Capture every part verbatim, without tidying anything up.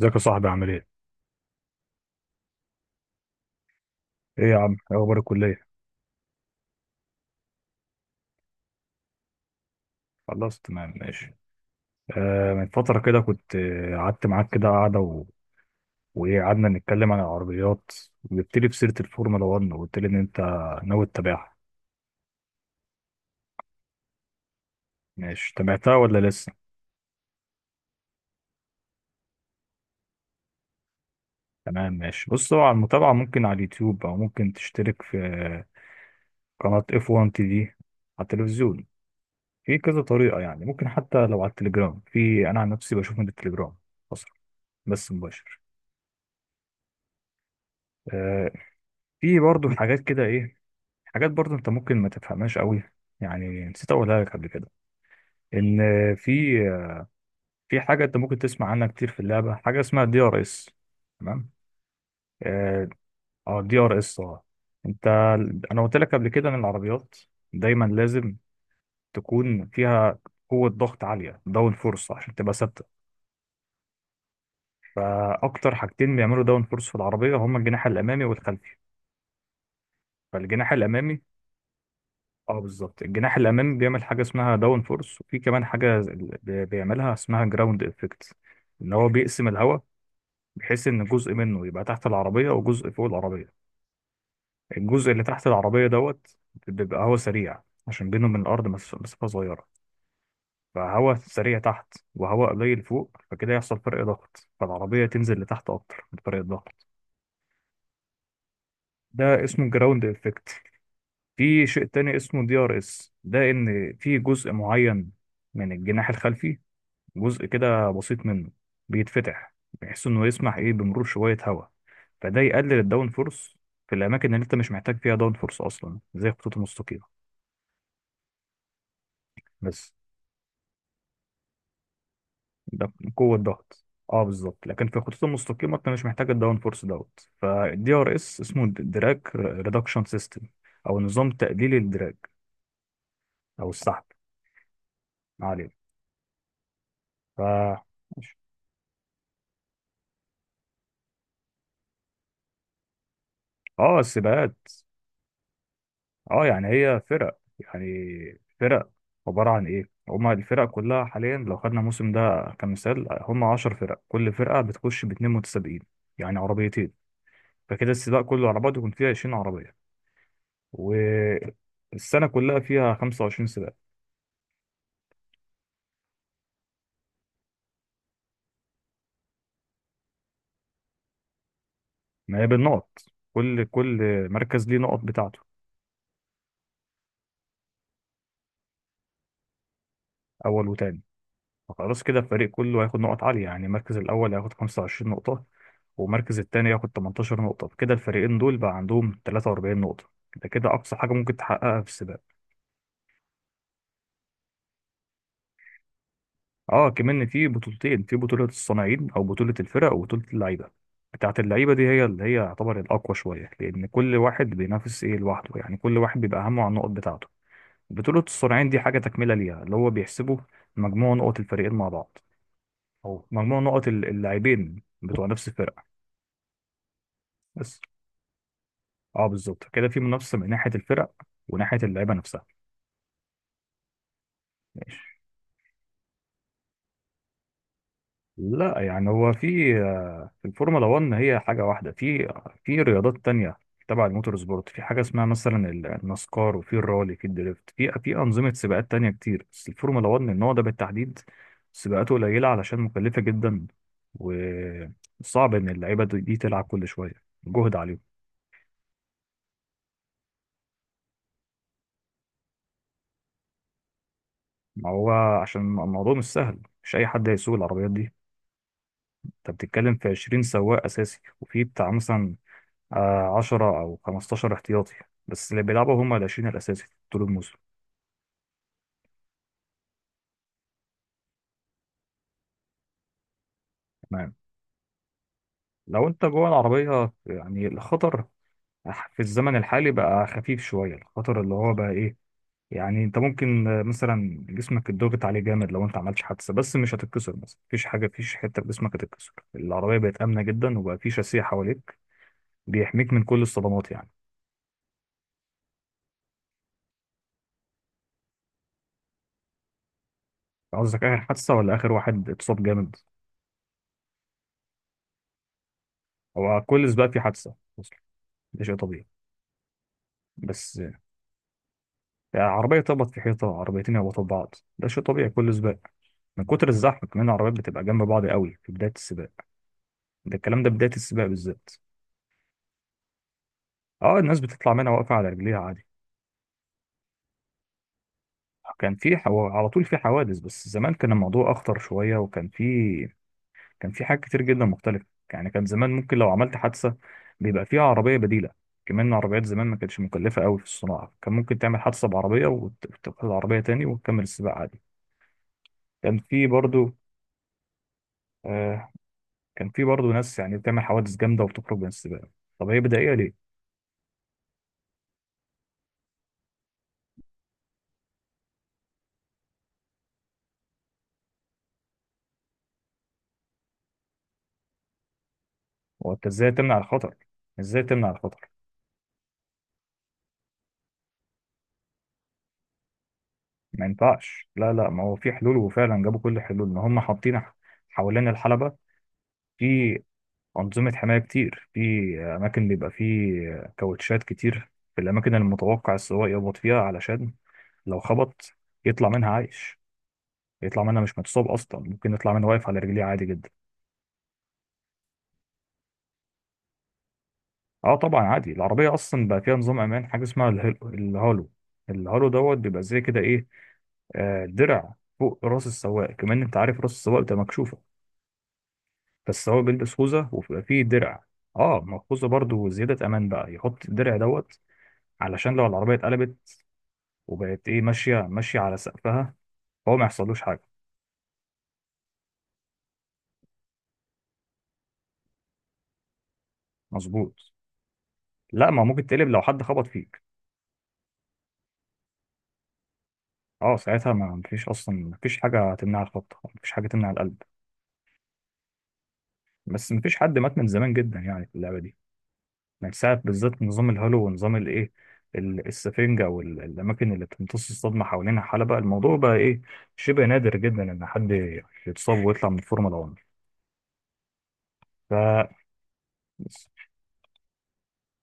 ازيك يا صاحبي؟ عامل ايه؟ ايه يا عم؟ ايه اخبار الكلية؟ خلاص، تمام، ماشي. آه، من فترة كده كنت آه، قعدت معاك كده قعدة و... وايه، قعدنا نتكلم عن العربيات، وجبت لي بسيرة الفورمولا واحد وقلت لي ان انت ناوي تتابعها. ماشي، تابعتها ولا لسه؟ تمام ماشي. بص، هو على المتابعة ممكن على اليوتيوب او ممكن تشترك في آه، قناة اف واحد تي في على التلفزيون. في كذا طريقة يعني، ممكن حتى لو على التليجرام. في، انا عن نفسي بشوف من التليجرام اصلا، بس مباشر. آه، في برضه حاجات كده ايه، حاجات برضه انت ممكن ما تفهمهاش قوي. يعني نسيت اقولها لك قبل كده، ان في في حاجه انت ممكن تسمع عنها كتير في اللعبه، حاجه اسمها دي ار اس، تمام. اه دي ار اس اه. انت، انا قلت لك قبل كده ان العربيات دايما لازم تكون فيها قوه ضغط عاليه، داون فورس، عشان تبقى ثابته. فاكتر حاجتين بيعملوا داون فورس في العربيه هما الجناح الامامي والخلفي. فالجناح الامامي اه بالظبط، الجناح الامامي بيعمل حاجه اسمها داون فورس، وفي كمان حاجه بي- بيعملها اسمها جراوند افكت، ان هو بيقسم الهواء بحيث ان جزء منه يبقى تحت العربيه وجزء فوق العربيه. الجزء اللي تحت العربيه دوت بيبقى هوا سريع، عشان بينه من الارض مس- مسافه صغيره، فهوا سريع تحت وهواء قليل فوق، فكده يحصل فرق ضغط، فالعربيه تنزل لتحت اكتر من فرق الضغط. ده اسمه جراوند افكت. في شيء تاني اسمه دي ار اس، ده ان في جزء معين من الجناح الخلفي، جزء كده بسيط منه بيتفتح بحيث انه يسمح ايه بمرور شوية هواء، فده يقلل الداون فورس في الاماكن اللي انت مش محتاج فيها داون فورس اصلا، زي الخطوط المستقيمة. بس ده قوة ضغط، اه بالظبط. لكن في الخطوط المستقيمة انت مش محتاج الداون فورس دوت، فالدي ار اس اسمه دراج ريدكشن سيستم، او نظام تقليل الدراج او السحب. ما علينا. ف اه، السباقات. اه يعني هي فرق، يعني فرق عبارة عن ايه. هما الفرق كلها حاليا لو خدنا الموسم ده كمثال هما عشر فرق، كل فرقة بتخش باتنين متسابقين يعني عربيتين، فكده السباق كله على بعضه يكون فيه عشرين عربية. والسنة كلها فيها خمسة وعشرين سباق. ما هي بالنقط، كل كل مركز ليه نقط بتاعته. أول وتاني، فخلاص كده الفريق كله هياخد نقط عالية، يعني المركز الأول هياخد خمسة وعشرين نقطة والمركز التاني ياخد تمنتاشر نقطة، كده الفريقين دول بقى عندهم تلاته واربعين نقطة. ده كده أقصى حاجة ممكن تحققها في السباق. اه كمان في بطولتين، في بطولة الصناعين أو بطولة الفرق، وبطولة اللعيبة. بتاعة اللعيبة دي هي اللي هي يعتبر الأقوى شوية، لأن كل واحد بينافس إيه لوحده، يعني كل واحد بيبقى همه على النقط بتاعته. بطولة الصناعين دي حاجة تكملة ليها، اللي هو بيحسبوا مجموع نقط الفريقين مع بعض، أو مجموع نقط اللاعبين بتوع نفس الفرقة بس. اه بالظبط كده في منافسه من ناحيه الفرق وناحيه اللعيبه نفسها. ماشي، لا يعني هو في، في الفورمولا واحد هي حاجه واحده، في في رياضات تانية تبع الموتور سبورت في حاجه اسمها مثلا النسكار، وفي الرالي، في الدريفت، في في انظمه سباقات تانية كتير. بس الفورمولا واحد النوع ده بالتحديد سباقاته قليله علشان مكلفه جدا، وصعب ان اللعيبه دي دي تلعب كل شويه، جهد عليهم. ما هو عشان الموضوع مش سهل، مش اي حد هيسوق العربيات دي. انت بتتكلم في عشرين سواق اساسي، وفي بتاع مثلا آه، عشرة او خمستاشر احتياطي. بس اللي بيلعبوا هم ال عشرين الاساسي طول الموسم. تمام، لو انت جوه العربيه يعني الخطر، في الزمن الحالي بقى خفيف شويه. الخطر اللي هو بقى ايه، يعني انت ممكن آه، مثلا جسمك اتضغط عليه جامد لو انت عملتش حادثه، بس مش هتتكسر. مثلا مفيش حاجه، مفيش حته في جسمك هتتكسر. العربيه بقت امنه جدا، وبقى في شاسيه حواليك بيحميك من كل الصدمات يعني. قصدك اخر حادثه ولا اخر واحد اتصاب جامد؟ هو كل سباق في حادثة أصلا، ده شيء طبيعي. بس عربية تخبط في حيطة، عربيتين يخبطوا في بعض، ده شيء طبيعي كل سباق. من كتر الزحمة كمان العربيات بتبقى جنب بعض قوي في بداية السباق، ده الكلام ده بداية السباق بالذات. اه، الناس بتطلع منها واقفة على رجليها عادي. كان في حو... على طول في حوادث، بس زمان كان الموضوع أخطر شوية، وكان في كان في حاجات كتير جدا مختلفة. يعني كان زمان ممكن لو عملت حادثة بيبقى فيها عربية بديلة، كمان العربيات زمان ما كانتش مكلفة قوي في الصناعة، كان ممكن تعمل حادثة بعربية وتاخد العربية تاني وتكمل السباق عادي. كان في برضو آه كان في برضو ناس يعني بتعمل حوادث جامدة وبتخرج من السباق. طب هي بدائية ليه؟ هو انت ازاي تمنع الخطر؟ ازاي تمنع الخطر؟ ما ينفعش، لا لا، ما هو في حلول وفعلا جابوا كل الحلول، ان هم حاطين ح- حوالين الحلبة في أنظمة حماية كتير، في أماكن بيبقى فيه كاوتشات كتير في الأماكن المتوقع السواق يخبط فيها، علشان لو خبط يطلع منها عايش، يطلع منها مش متصاب، أصلا ممكن يطلع منها واقف على رجليه عادي جدا. اه طبعا عادي، العربية اصلا بقى فيها نظام امان، حاجة اسمها الهيل- الهالو. الهالو دوت بيبقى زي كده ايه، آه، درع فوق راس السواق. كمان انت عارف راس السواق بتبقى مكشوفة، فالسواق بيلبس خوذة وبيبقى فيه درع. اه ما الخوذة برضه زيادة امان، بقى يحط الدرع دوت علشان لو العربية اتقلبت وبقت ايه ماشية ماشية على سقفها هو ما يحصلوش حاجة. مظبوط، لا ما ممكن تقلب لو حد خبط فيك. اه ساعتها ما مفيش اصلا، مفيش حاجة تمنع الخبطة، مفيش حاجة تمنع القلب. بس مفيش حد مات من زمان جدا يعني في اللعبة دي، من ساعة بالذات نظام الهالو ونظام الايه، ال- السفنجة او ال- الاماكن اللي بتمتص الصدمة حوالينها حلبة. الموضوع بقى ايه شبه نادر جدا ان حد يتصاب ويطلع من الفورمولا واحد. ف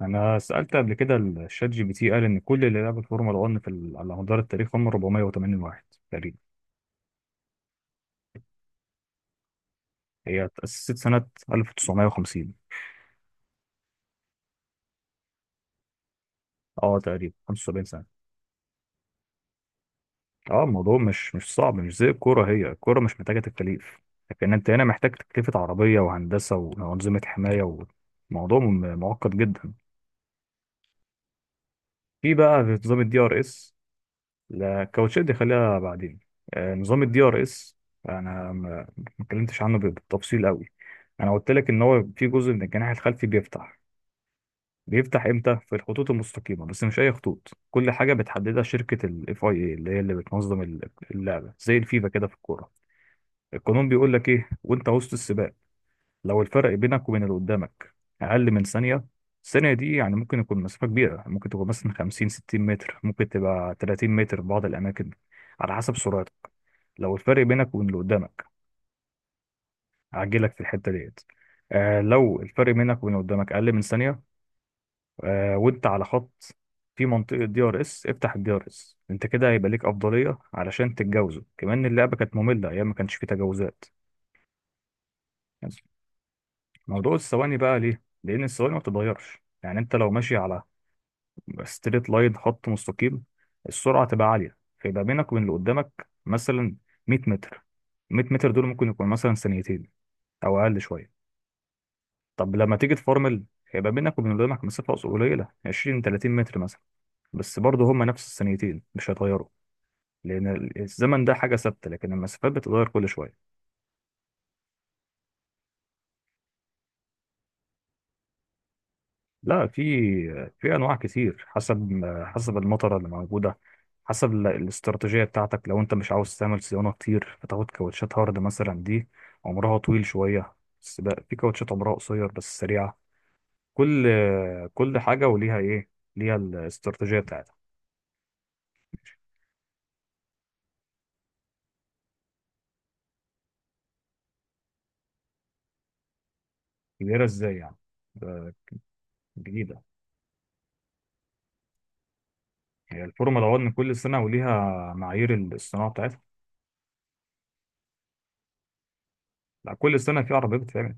انا سألت قبل كده الشات جي بي تي، قال ان كل اللي لعبوا الفورمولا واحد في ال- على مدار التاريخ هم أربعمائة وثمانين واحد تقريبا. هي اتأسست سنة ألف وتسعمائة وخمسين، اه تقريبا خمسة وسبعين سنة. اه الموضوع مش مش صعب، مش زي الكوره، هي الكوره مش محتاجه تكاليف، لكن انت هنا محتاج تكلفه عربيه وهندسه وانظمه حمايه، وموضوع م- معقد جدا. في بقى في نظام الدي ار اس. لا الكاوتشات دي خليها بعدين. آه، نظام الدي ار اس، انا ما ما اتكلمتش عنه بالتفصيل قوي. انا قلت لك ان هو في جزء من الجناح الخلفي بيفتح. بيفتح امتى؟ في الخطوط المستقيمه، بس مش اي خطوط، كل حاجه بتحددها شركه الاف اي اي، اللي هي اللي بتنظم اللعبه زي الفيفا كده في الكوره. القانون بيقول لك ايه، وانت وسط السباق لو الفرق بينك وبين اللي قدامك اقل من ثانيه. الثانيه دي يعني ممكن يكون مسافه كبيره، ممكن تكون مثلا خمسين ستين متر، ممكن تبقى تلاتين متر في بعض الاماكن على حسب سرعتك. لو الفرق بينك وبين اللي قدامك، هعجلك في الحته ديت. آه لو الفرق بينك وبين اللي قدامك اقل من ثانيه، آه وانت على خط في منطقه دي ار اس افتح الدي ار اس، انت كده هيبقى ليك افضليه علشان تتجاوزه. كمان اللعبه كانت ممله ايام ما كانش فيه تجاوزات. موضوع الثواني بقى ليه؟ لأن الثواني ما بتتغيرش. يعني أنت لو ماشي على ستريت لاين، خط مستقيم، السرعة تبقى عالية، فيبقى بينك وبين اللي قدامك مثلا مئة متر. مئة متر دول ممكن يكون مثلا ثانيتين أو أقل شوية. طب لما تيجي تفورمل هيبقى بينك وبين اللي قدامك مسافة قليلة، عشرين تلاتين متر مثلا، بس برضه هما نفس الثانيتين مش هيتغيروا، لأن الزمن ده حاجة ثابتة لكن المسافات بتتغير كل شوية. لا في، في انواع كتير حسب حسب المطره اللي موجوده، حسب ال- الاستراتيجيه بتاعتك. لو انت مش عاوز تعمل صيانه كتير فتاخد كاوتشات هارد مثلا، دي عمرها طويل شويه، بس بقى في كاوتشات عمرها قصير بس سريعه. كل كل حاجه وليها ايه، ليها الاستراتيجيه بتاعتها. كبيره ازاي يعني؟ ده جديده. هي الفورمولا واحد كل سنه وليها معايير الصناعه بتاعتها. لا كل سنه في عربيه بتتعمل.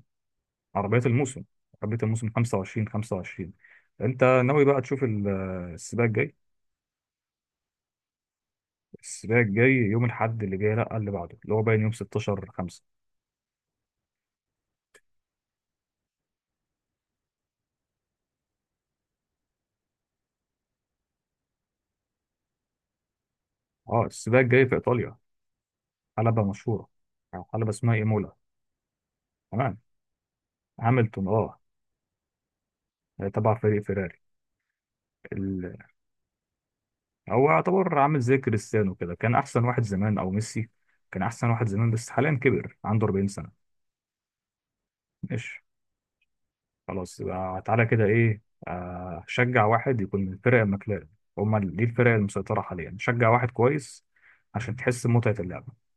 عربيات الموسم، عربية الموسم خمسة وعشرين خمسة وعشرين. انت ناوي بقى تشوف ال- السباق الجاي؟ السباق الجاي يوم الأحد اللي جاي، لا اللي بعده، اللي هو باين يوم ستاشر خمسة. اه السباق الجاي في ايطاليا، حلبة مشهورة، او حلبة اسمها ايمولا. تمام، هاملتون اه، تبع فريق فيراري. ال... هو يعتبر عامل زي كريستيانو كده، كان احسن واحد زمان، او ميسي كان احسن واحد زمان، بس حاليا كبر عنده اربعين سنة. ماشي، خلاص يبقى تعالى كده ايه، آه، شجع واحد يكون من الفرق المكلاه، هما دي الفرق المسيطرة حاليا، شجع واحد كويس عشان تحس بمتعة اللعبة.